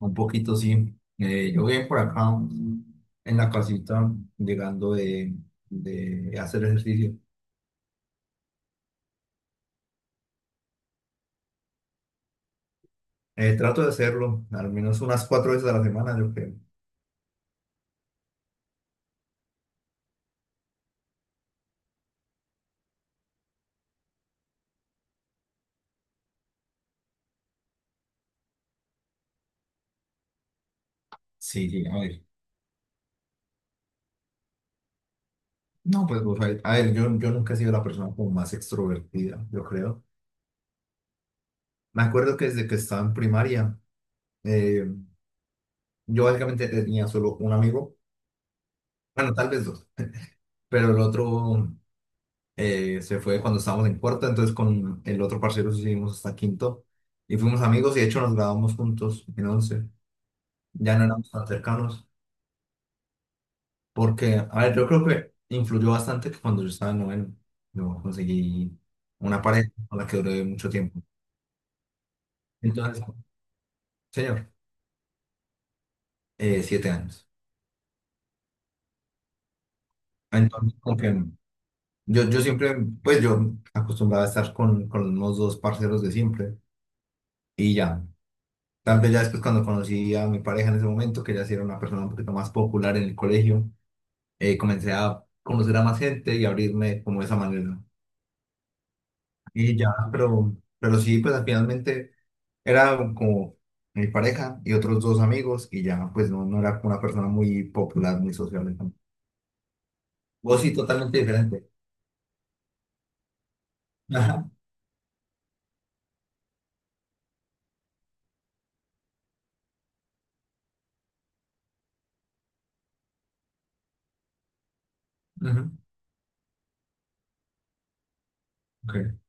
Un poquito, sí. Yo bien por acá en la casita, llegando de hacer ejercicio. Trato de hacerlo al menos unas 4 veces a la semana, yo creo. Sí, sí, a ver. No, pues, o sea, a ver, yo nunca he sido la persona como más extrovertida, yo creo. Me acuerdo que desde que estaba en primaria, eh, yo básicamente tenía solo un amigo, bueno, tal vez dos, pero el otro. Se fue cuando estábamos en cuarta, entonces con el otro parcero sí seguimos hasta quinto y fuimos amigos y de hecho nos grabamos juntos en once, ya no éramos tan cercanos, porque, a ver, yo creo que influyó bastante que cuando yo estaba en noveno, yo conseguí una pareja con la que duré mucho tiempo. Entonces, señor, 7 años. Entonces, como que yo siempre, pues yo acostumbraba a estar con los mismos dos parceros de siempre y ya. Tal vez ya después cuando conocí a mi pareja en ese momento, que ya sí era una persona un poquito más popular en el colegio, comencé a conocer a más gente y abrirme como de esa manera. Y ya, pero sí, pues finalmente era como mi pareja y otros dos amigos y ya, pues no, no era una persona muy popular, muy social. Vos sí, totalmente diferente. Ajá, ajá, ok,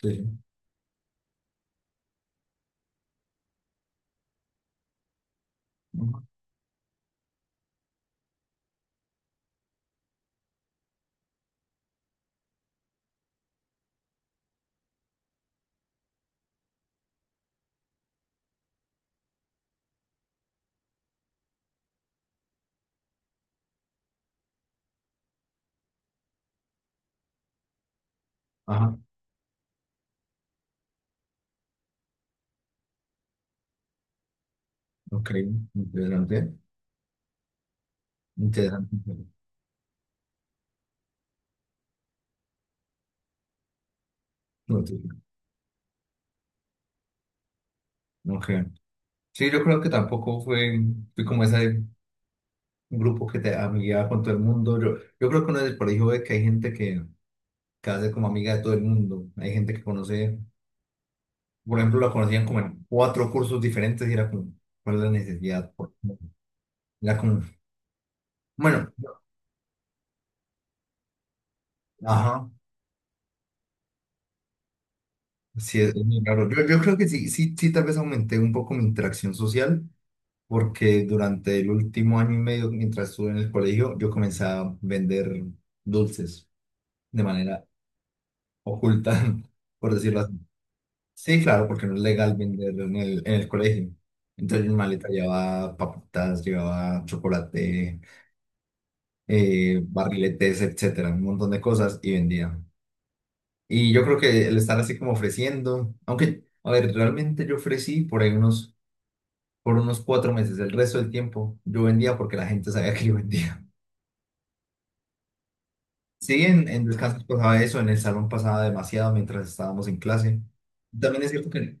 sí, sí. Ujú. Ajá, ok, interesante, interesante. Interesante. Ok, sí, yo creo que tampoco fui como esa grupos que te amigueaba con todo el mundo. Yo creo que uno en el colegio ve que hay gente que hace como amiga de todo el mundo. Hay gente que conoce, por ejemplo, la conocían como en cuatro cursos diferentes y era como, ¿cuál es la necesidad? ¿Por- qué? Era como, bueno, ajá, sí, es muy raro. Yo creo que sí, sí, sí, tal vez aumenté un poco mi interacción social. Porque durante el último año y medio, mientras estuve en el colegio, yo comencé a vender dulces de manera oculta, por decirlo así. Sí, claro, porque no es legal venderlo en el colegio. Entonces mi maleta llevaba papitas, llevaba chocolate, barriletes, etcétera, un montón de cosas y vendía. Y yo creo que el estar así como ofreciendo, aunque, a ver, realmente yo ofrecí por ahí por unos 4 meses, el resto del tiempo yo vendía porque la gente sabía que yo vendía. Sí, en descansos pasaba eso, en el salón pasaba demasiado mientras estábamos en clase. También es cierto que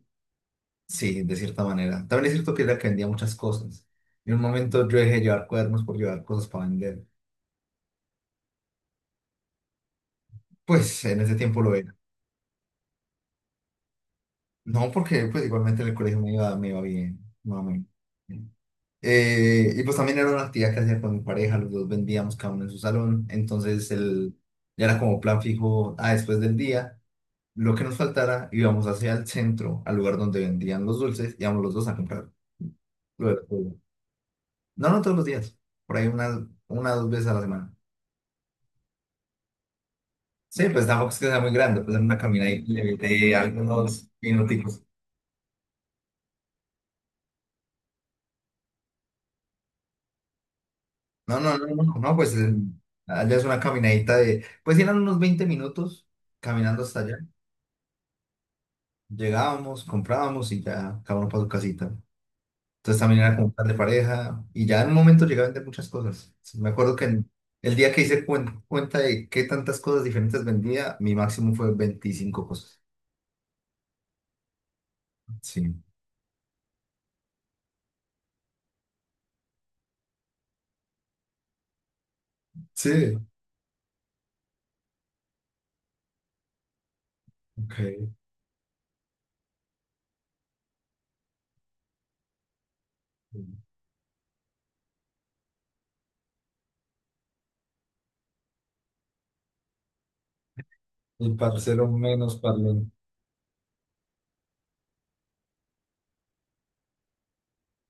sí, de cierta manera. También es cierto que era que vendía muchas cosas. En un momento yo dejé de llevar cuadernos por llevar cosas para vender. Pues en ese tiempo lo era. No, porque pues igualmente en el colegio me iba bien. No, y pues también era una actividad que hacía con mi pareja, los dos vendíamos cada uno en su salón. Entonces ya era como plan fijo, ah, después del día, lo que nos faltara, íbamos hacia el centro, al lugar donde vendían los dulces, íbamos los dos a comprar lo de la escuela. No, no todos los días, por ahí una o dos veces a la semana. Sí, pues tampoco es que sea muy grande, pues en una caminadita le metí algunos minuticos. No, no, no, no, no, pues allá es una caminadita de, pues eran unos 20 minutos caminando hasta allá. Llegábamos, comprábamos y ya cada uno para su casita. Entonces también era como un plan de pareja y ya en un momento llegué a vender muchas cosas. Sí, me acuerdo que el día que hice cuenta de qué tantas cosas diferentes vendía, mi máximo fue 25 cosas. Sí. Sí, ok. El parcero menos parlón.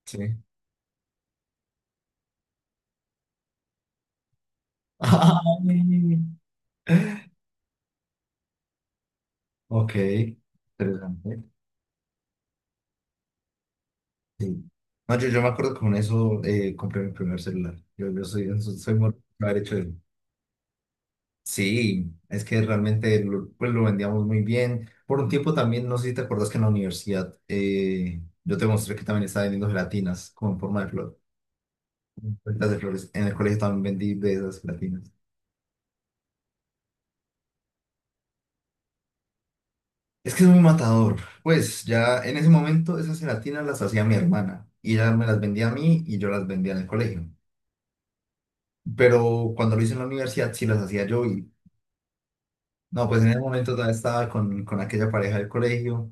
Sí. Ay. Ok, interesante. Sí. No, yo me acuerdo que con eso compré mi primer celular. Yo, yo soy muy de haber hecho eso. Sí, es que realmente pues lo vendíamos muy bien. Por un tiempo también, no sé si te acuerdas que en la universidad yo te mostré que también estaba vendiendo gelatinas como en forma de flor, pétalas de flores. En el colegio también vendí de esas gelatinas. Es que es muy matador. Pues ya en ese momento esas gelatinas las hacía mi hermana y ella me las vendía a mí y yo las vendía en el colegio, pero cuando lo hice en la universidad sí las hacía yo y no, pues en ese momento todavía estaba con aquella pareja del colegio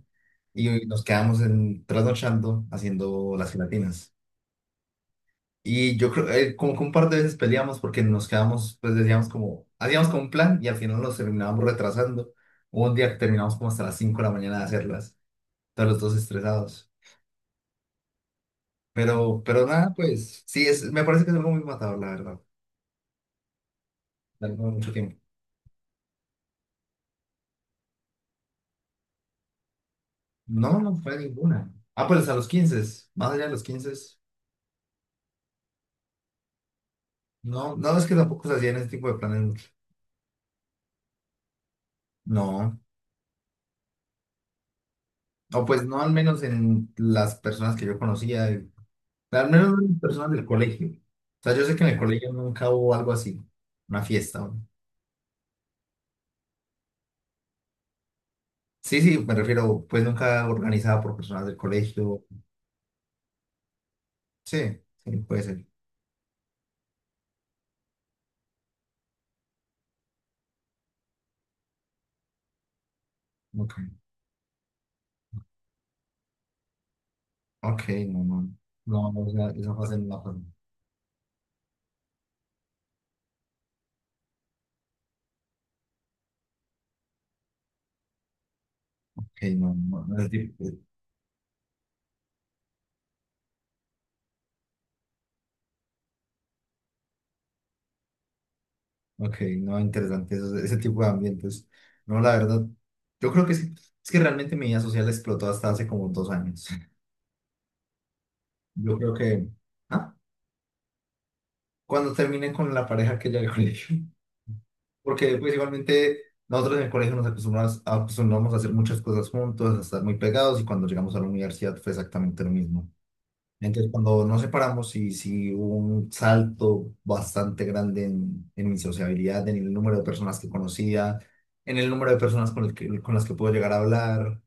y nos quedamos trasnochando haciendo las gelatinas. Y yo creo, como que un par de veces peleamos porque nos quedamos, pues decíamos como, hacíamos como un plan y al final nos terminábamos retrasando. Hubo un día que terminamos como hasta las 5:00 de la mañana de hacerlas, todos los dos estresados. Pero nada, pues sí, me parece que es algo muy matador, la verdad. Algo de mucho tiempo. No, no fue ninguna. Ah, pues a los 15, más allá de los 15. No, no es que tampoco se hacían ese tipo de planes mucho. No, o pues no al menos en las personas que yo conocía, al menos no en las personas del colegio. O sea, yo sé que en el colegio nunca hubo algo así, una fiesta, ¿no? Sí, sí, me refiero, pues nunca organizada por personas del colegio. Sí, sí, puede ser. Ok, ok, no, no. No, no, o sea, esa fase no la pasé. Ok, no, no, no, es difícil. Ok, no, interesante eso- ese tipo de ambientes. No, la verdad, yo creo que sí. Es que realmente mi vida social explotó hasta hace como 2 años. Yo creo que, ah, cuando terminé con la pareja que ya del colegio. Porque pues igualmente nosotros en el colegio nos acostumbramos, acostumbramos a hacer muchas cosas juntos, a estar muy pegados y cuando llegamos a la universidad fue exactamente lo mismo. Entonces, cuando nos separamos, sí, sí hubo un salto bastante grande en mi sociabilidad, en el número de personas que conocía, en el número de personas con las que puedo llegar a hablar.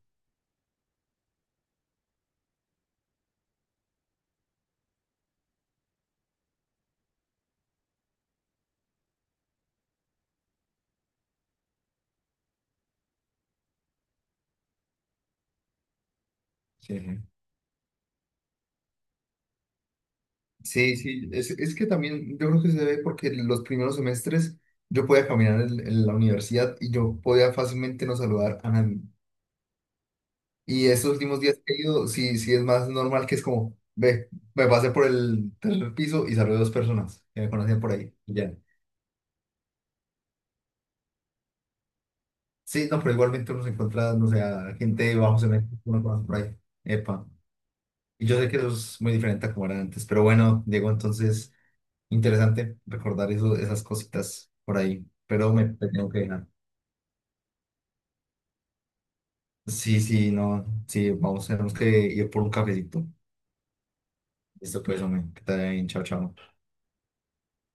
Sí, sí, sí, es que también yo creo que se debe porque en los primeros semestres yo podía caminar en la universidad y yo podía fácilmente no saludar a nadie. Y estos últimos días que he ido, sí, sí es más normal que es como, ve, me pasé por el tercer piso y saludé a dos personas que me conocían por ahí. Sí, no, pero igualmente uno se encuentra, no sé, a gente de bajo cemento, uno conoce por ahí. Epa. Y yo sé que eso es muy diferente a como era antes, pero bueno, Diego, entonces, interesante recordar eso, esas cositas por ahí, pero me tengo que dejar. Sí, sí, no, sí, vamos, tenemos que ir por un cafecito. Listo, pues, hombre, que te vaya bien, chao, chao.